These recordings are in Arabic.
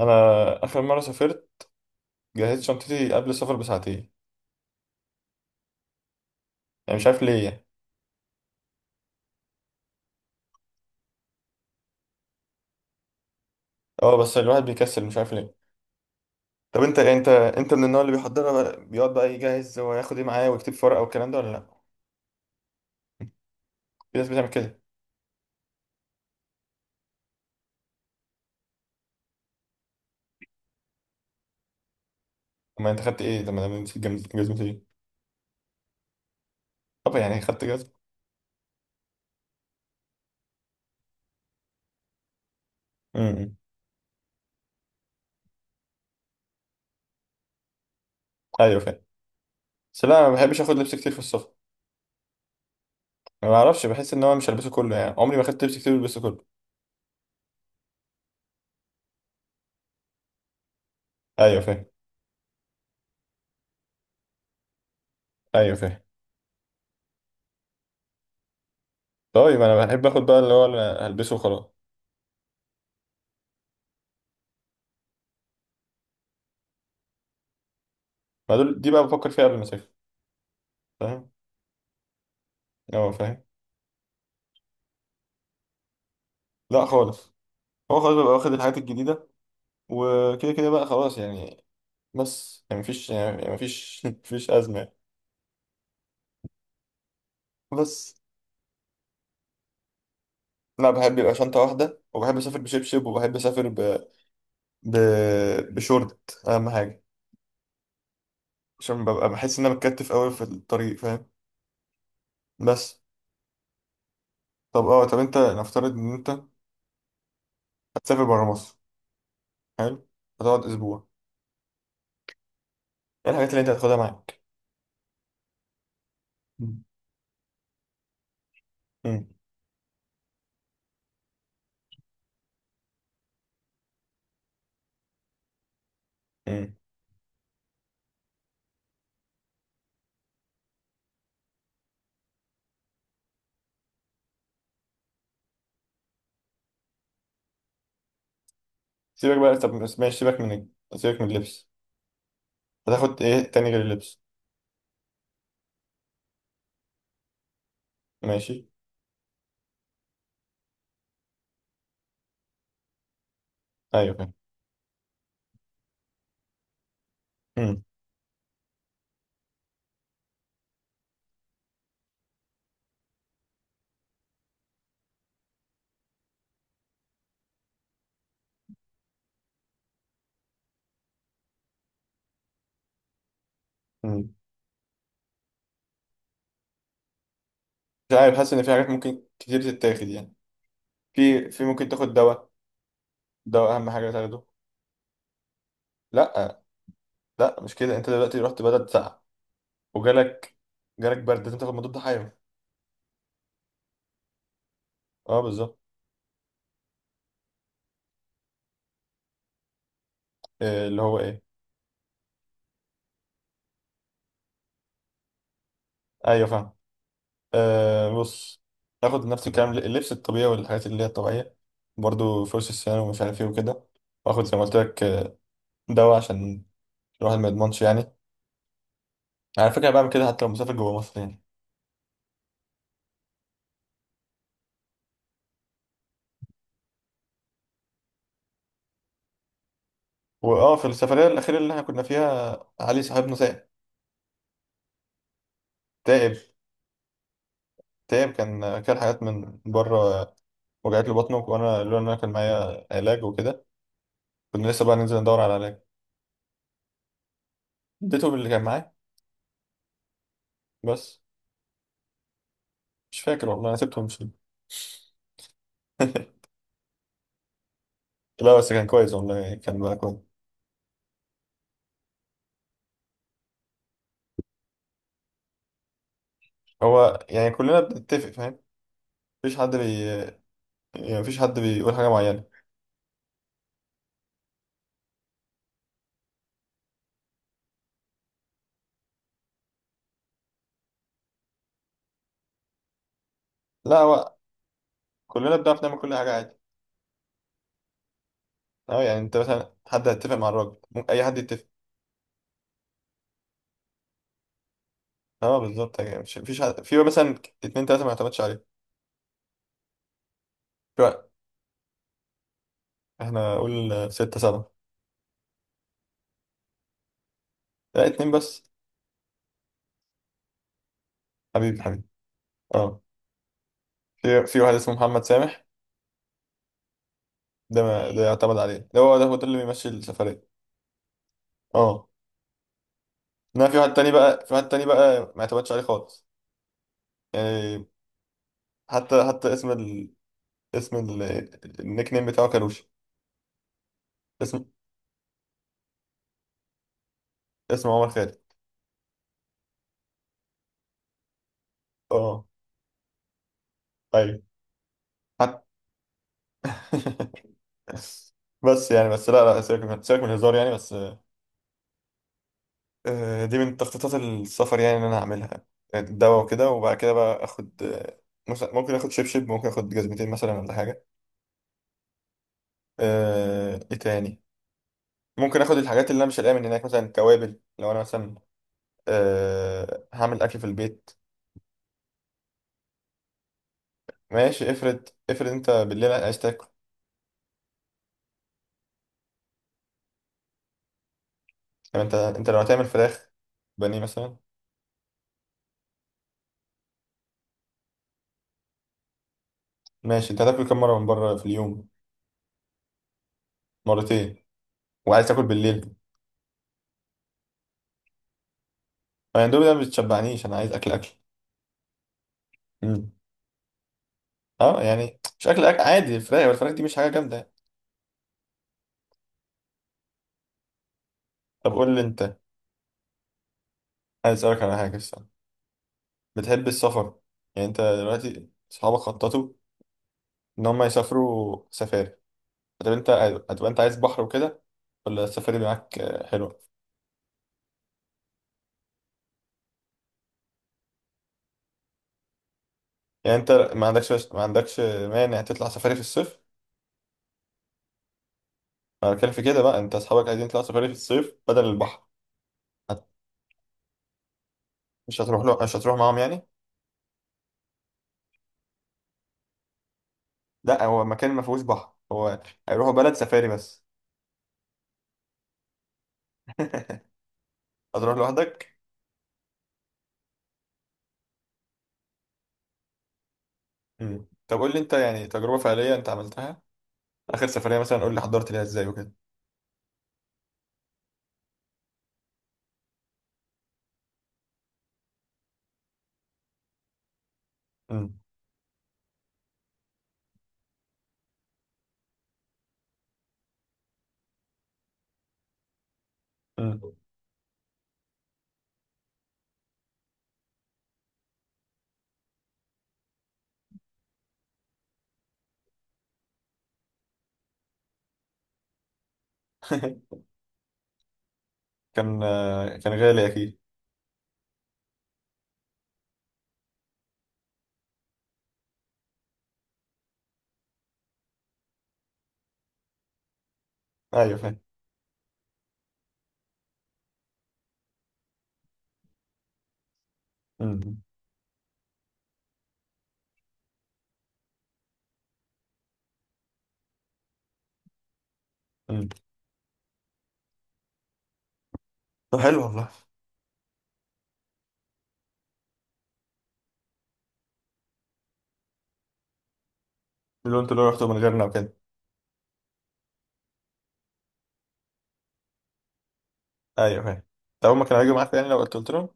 انا اخر مره سافرت، جهزت شنطتي قبل السفر بساعتين. يعني مش عارف ليه يعني. اه، بس الواحد بيكسل مش عارف ليه. طب انت من النوع اللي بيحضرها بقى، بيقعد بقى يجهز هو هياخد ايه معاه ويكتب في ورقه والكلام ده، ولا لا؟ في ناس بتعمل كده. اما انت خدت ايه لما نسيت جزمتي ايه؟ طب يعني خدت جزمه. امم. ايوه فاهم. بس لا، انا ما بحبش اخد لبس كتير في السفر. ما بعرفش، بحس ان هو مش هلبسه كله، يعني عمري ما خدت لبس كتير بلبسه كله. ايوه فاهم. ايوه فاهم. طيب انا بحب اخد بقى اللي هو اللي هلبسه وخلاص. ما دول دي بقى بفكر فيها قبل ما اسافر. فاهم. اه فاهم. لا خالص. هو خلاص بيبقى واخد الحاجات الجديدة. وكده كده بقى خلاص يعني. بس يعني مفيش يعني مفيش مفيش أزمة يعني. بس لا، بحب يبقى شنطة واحدة، وبحب أسافر بشبشب، وبحب أسافر ب... بشورت. أهم حاجة عشان ببقى بحس إن أنا متكتف أوي في الطريق، فاهم. بس، طب أنت نفترض إن أنت هتسافر برا مصر. حلو. هتقعد أسبوع. إيه الحاجات اللي أنت هتاخدها معاك؟ مم. مم. مم. سيبك بقى، طب بس ماشي، سيبك من اللبس. هتاخد إيه تاني غير اللبس؟ ماشي. أيوه فاهم. مم. مش عارف، حاسس ان في حاجات ممكن كتير تتاخد يعني. في ممكن تاخد دواء. دواء اهم حاجه تاخده. لا لا، مش كده. انت دلوقتي رحت بلد ساقعه، وجالك جالك برد، لازم تاخد مضاد حيوي. اه بالظبط. آه، اللي هو ايه. ايوه فاهم. آه بص. تاخد نفس الكلام، اللبس الطبيعي والحاجات اللي هي الطبيعيه. برضو فرش السنان ومش عارف ايه وكده. واخد زي ما قلت لك دواء عشان الواحد ما يضمنش يعني. على فكره بعمل كده حتى لو مسافر جوه مصر يعني. واه في السفريه الاخيره اللي احنا كنا فيها علي صاحبنا تعب. تعب. تعب. كان حاجات من بره. وجعت له بطنه، وانا لولا ان انا كان معايا علاج وكده، كنا لسه بقى ننزل ندور على علاج. اديته اللي كان معاه. بس مش فاكر والله، انا سبته ومشيت. لا بس كان كويس والله، كان بقى كويس. هو يعني كلنا بنتفق فاهم. مفيش حد بي مفيش حد بيقول حاجة معينة. لا هو كلنا بنعرف نعمل كل حاجة عادي. اه، يعني انت مثلا حد هيتفق مع الراجل، ممكن اي حد يتفق. اه بالظبط، يعني مش مفيش حد في مثلا 2 3 ما يعتمدش عليه. في واحد. احنا قول 6 7. لا 2 بس. حبيبي حبيبي. اه في واحد اسمه محمد سامح. ده ما ده يعتمد عليه، ده هو ده هو ده اللي بيمشي السفرية. اه. انما في واحد تاني بقى ما اعتمدش عليه خالص يعني. حتى اسم ال... النيك نيم بتاعه كاروش. اسم اسمه عمر خالد. اه. ايوه. حت... بس لا لا، سيبك من الهزار يعني بس. دي من تخطيطات السفر يعني ان انا هعملها. الدواء وكده، وبعد كده بقى اخد مثلا ممكن اخد شبشب، ممكن اخد جزمتين مثلا ولا حاجه. ايه تاني؟ ممكن اخد الحاجات اللي انا مش هلاقيها من هناك، مثلا توابل لو انا مثلا هعمل اكل في البيت. ماشي، افرض افرض انت بالليل عايز تاكل. يعني انت لو هتعمل فراخ بانيه مثلا. ماشي، انت هتاكل كم مره من بره في اليوم؟ مرتين. وعايز تاكل بالليل؟ فالاندومي ده ما بتشبعنيش، انا عايز اكل اكل. مم. اه يعني شكل عادي، الفراخ دي مش حاجه جامده يعني. طب قول لي انت، عايز اسالك على حاجه الصراحه. بتحب السفر؟ يعني انت دلوقتي اصحابك خططوا ان هم يسافروا سفاري، طب انت هتبقى انت عايز بحر وكده، ولا السفاري معاك حلوه؟ يعني انت ما عندكش مانع تطلع سفاري في الصيف. انا بتكلم في كده بقى، انت اصحابك عايزين يطلعوا سفاري في الصيف بدل البحر. هت- مش هتروح معاهم يعني. لا هو مكان ما فيهوش بحر، هو هيروحوا بلد سفاري بس. هتروح لوحدك؟ مم. طب قول لي انت يعني تجربة فعلية انت عملتها، اخر سفرية مثلا قول لي حضرت ليها ازاي وكده. مم. مم. كان غالي اكيد. ايوه فاهم. مم. مم. طب حلو والله. اللي انتوا لو رحتوا من غيرنا وكده. ايوه فاهم. طب هما كانوا هيجوا معاك يعني لو قلت لهم؟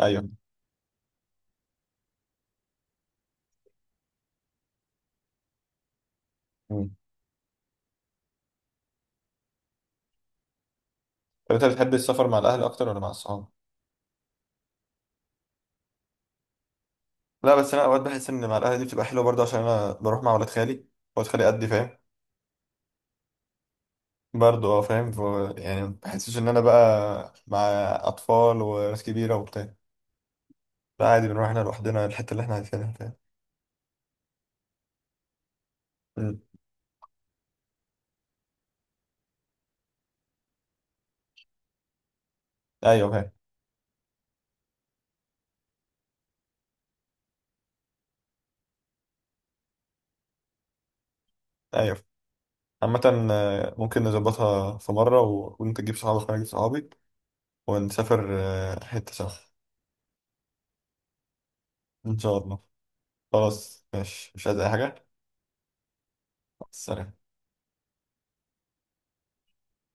ايوه. مم. طب انت بتحب السفر مع الاهل اكتر ولا مع الصحاب؟ لا بس انا اوقات بحس ان مع الاهل دي بتبقى حلوه برضه، عشان انا بروح مع ولاد خالي، ولاد خالي قدي فاهم. برضه اه فاهم، يعني ما بحسش ان انا بقى مع اطفال وناس كبيره وبتاع. لا عادي، بنروح احنا لوحدنا الحتة اللي احنا عايزينها فاهم. مم. ايوه فاهم. ايوه فاهم. عامة ممكن نظبطها في مرة، و... وانت تجيب صحابك وانا اجيب صحابي، ونسافر حتة سوا. ان شاء الله. خلاص ماشي، مش عايز اي حاجة. سلام.